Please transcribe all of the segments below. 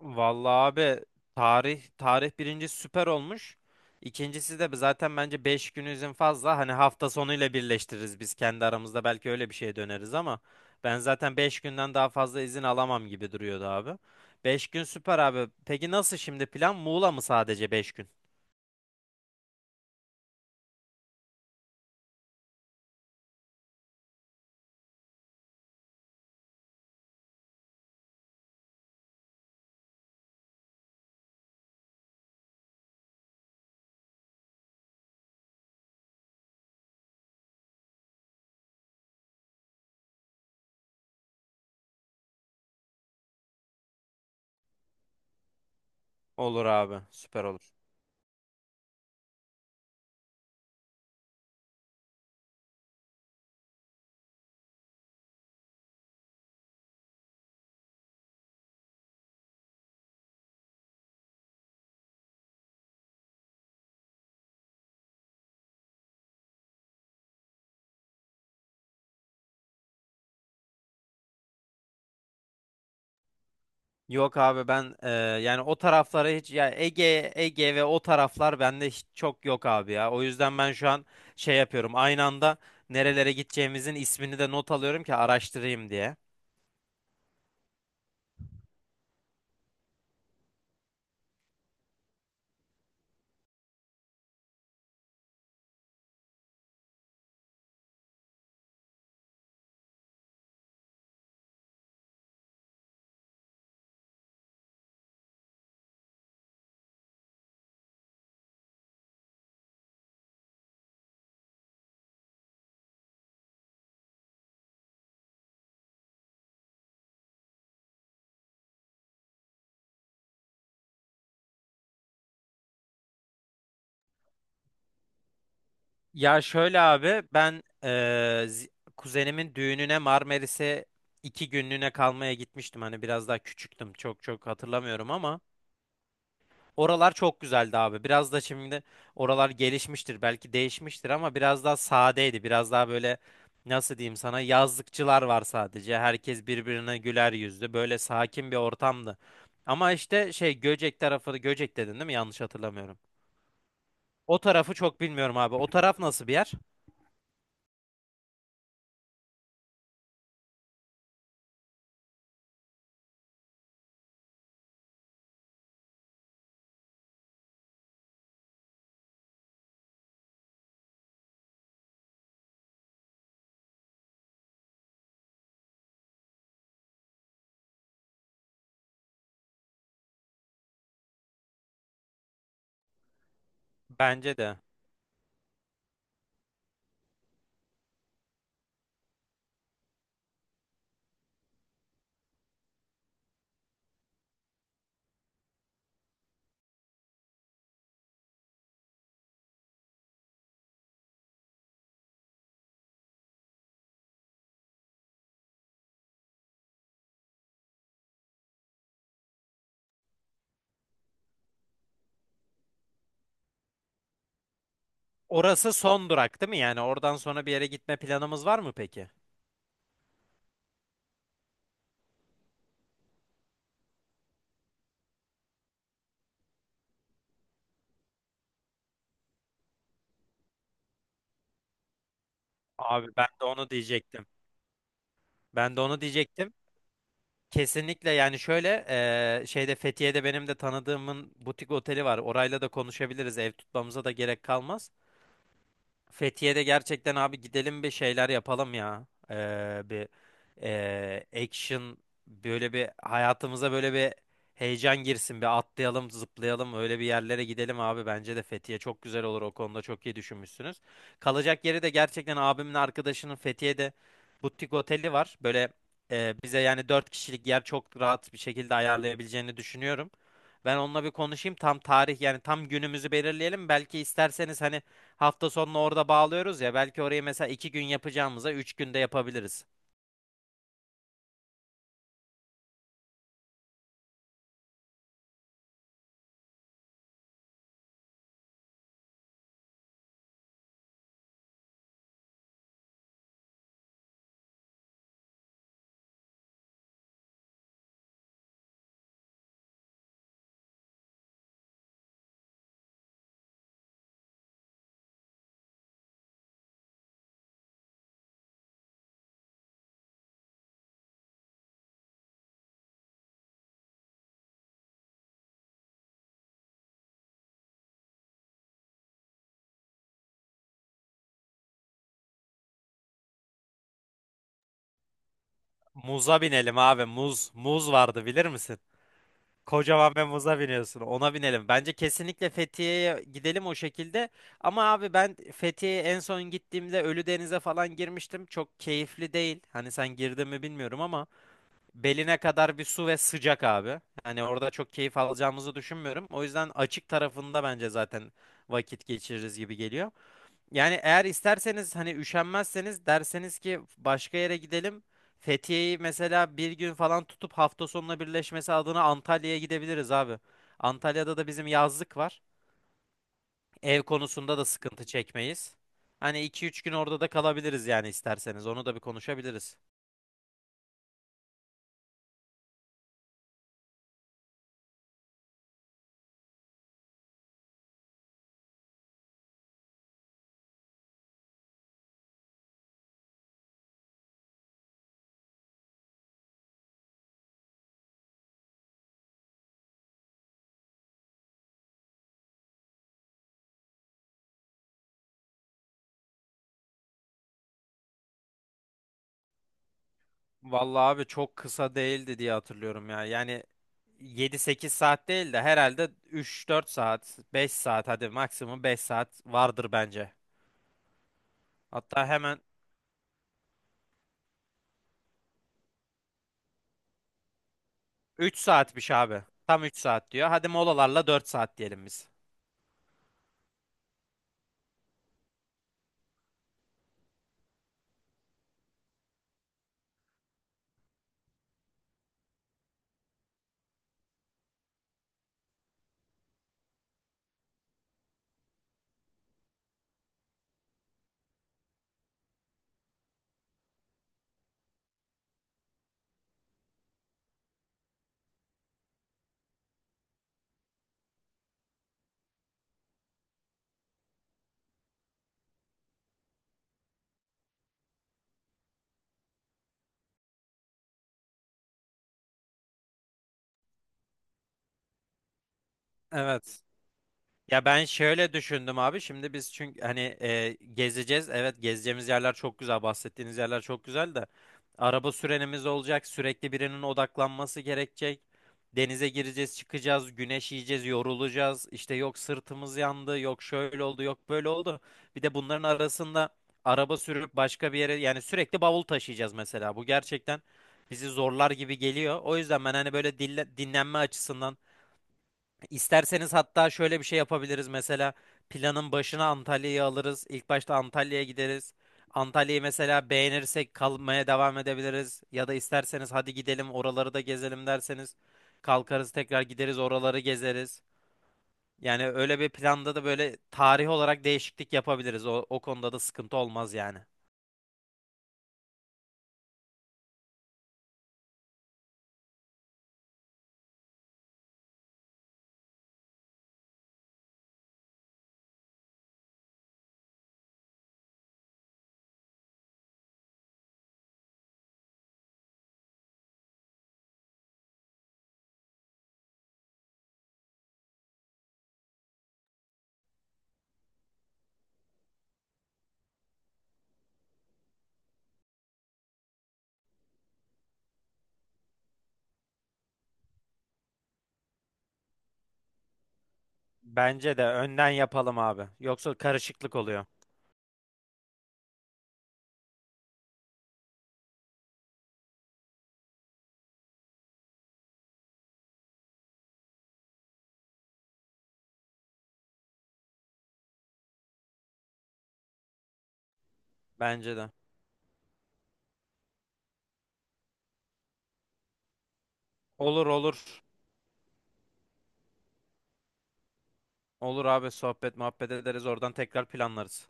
Vallahi abi tarih tarih birinci süper olmuş. İkincisi de zaten bence 5 gün izin fazla. Hani hafta sonuyla birleştiririz biz kendi aramızda belki öyle bir şeye döneriz ama ben zaten 5 günden daha fazla izin alamam gibi duruyordu abi. 5 gün süper abi. Peki nasıl şimdi plan? Muğla mı sadece 5 gün? Olur abi. Süper olur. Yok abi ben yani o taraflara hiç yani Ege ve o taraflar bende hiç çok yok abi ya. O yüzden ben şu an şey yapıyorum. Aynı anda nerelere gideceğimizin ismini de not alıyorum ki araştırayım diye. Ya şöyle abi ben zi- kuzenimin düğününe Marmaris'e 2 günlüğüne kalmaya gitmiştim. Hani biraz daha küçüktüm. Çok çok hatırlamıyorum ama. Oralar çok güzeldi abi. Biraz da şimdi oralar gelişmiştir, belki değişmiştir ama biraz daha sadeydi. Biraz daha böyle nasıl diyeyim sana yazlıkçılar var sadece. Herkes birbirine güler yüzlü. Böyle sakin bir ortamdı. Ama işte şey Göcek tarafı, Göcek dedin değil mi? Yanlış hatırlamıyorum. O tarafı çok bilmiyorum abi. O taraf nasıl bir yer? Bence de. Orası son durak değil mi? Yani oradan sonra bir yere gitme planımız var mı peki? Abi ben de onu diyecektim. Ben de onu diyecektim. Kesinlikle yani şöyle şeyde Fethiye'de benim de tanıdığımın butik oteli var. Orayla da konuşabiliriz. Ev tutmamıza da gerek kalmaz. Fethiye'de gerçekten abi gidelim bir şeyler yapalım ya. Bir action böyle bir hayatımıza böyle bir heyecan girsin. Bir atlayalım, zıplayalım, öyle bir yerlere gidelim abi. Bence de Fethiye çok güzel olur. O konuda çok iyi düşünmüşsünüz. Kalacak yeri de gerçekten abimin arkadaşının Fethiye'de butik oteli var. Böyle bize yani 4 kişilik yer çok rahat bir şekilde ayarlayabileceğini düşünüyorum. Ben onunla bir konuşayım. Tam tarih yani tam günümüzü belirleyelim. Belki isterseniz hani hafta sonunu orada bağlıyoruz ya belki orayı mesela 2 gün yapacağımıza 3 günde yapabiliriz. Muza binelim abi muz. Muz vardı bilir misin? Kocaman bir muza biniyorsun ona binelim. Bence kesinlikle Fethiye'ye gidelim o şekilde. Ama abi ben Fethiye'ye en son gittiğimde Ölüdeniz'e falan girmiştim. Çok keyifli değil. Hani sen girdin mi bilmiyorum ama beline kadar bir su ve sıcak abi. Hani orada çok keyif alacağımızı düşünmüyorum. O yüzden açık tarafında bence zaten vakit geçiririz gibi geliyor. Yani eğer isterseniz hani üşenmezseniz derseniz ki başka yere gidelim. Fethiye'yi mesela bir gün falan tutup hafta sonuna birleşmesi adına Antalya'ya gidebiliriz abi. Antalya'da da bizim yazlık var. Ev konusunda da sıkıntı çekmeyiz. Hani 2-3 gün orada da kalabiliriz yani isterseniz. Onu da bir konuşabiliriz. Vallahi abi çok kısa değildi diye hatırlıyorum ya. Yani 7-8 saat değil de herhalde 3-4 saat, 5 saat hadi maksimum 5 saat vardır bence. Hatta hemen 3 saatmiş abi. Tam 3 saat diyor. Hadi molalarla 4 saat diyelim biz. Evet. Ya ben şöyle düşündüm abi. Şimdi biz çünkü hani gezeceğiz. Evet gezeceğimiz yerler çok güzel. Bahsettiğiniz yerler çok güzel de. Araba sürenimiz olacak. Sürekli birinin odaklanması gerekecek. Denize gireceğiz, çıkacağız, güneş yiyeceğiz, yorulacağız. İşte yok sırtımız yandı, yok şöyle oldu, yok böyle oldu. Bir de bunların arasında araba sürüp başka bir yere yani sürekli bavul taşıyacağız mesela. Bu gerçekten bizi zorlar gibi geliyor. O yüzden ben hani böyle dinlenme açısından İsterseniz hatta şöyle bir şey yapabiliriz mesela planın başına Antalya'yı alırız. İlk başta Antalya'ya gideriz. Antalya'yı mesela beğenirsek kalmaya devam edebiliriz. Ya da isterseniz hadi gidelim oraları da gezelim derseniz kalkarız tekrar gideriz oraları gezeriz. Yani öyle bir planda da böyle tarih olarak değişiklik yapabiliriz. O konuda da sıkıntı olmaz yani. Bence de önden yapalım abi. Yoksa karışıklık oluyor. Bence de. Olur olur. Olur abi sohbet muhabbet ederiz oradan tekrar planlarız.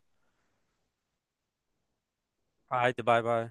Haydi bay bay.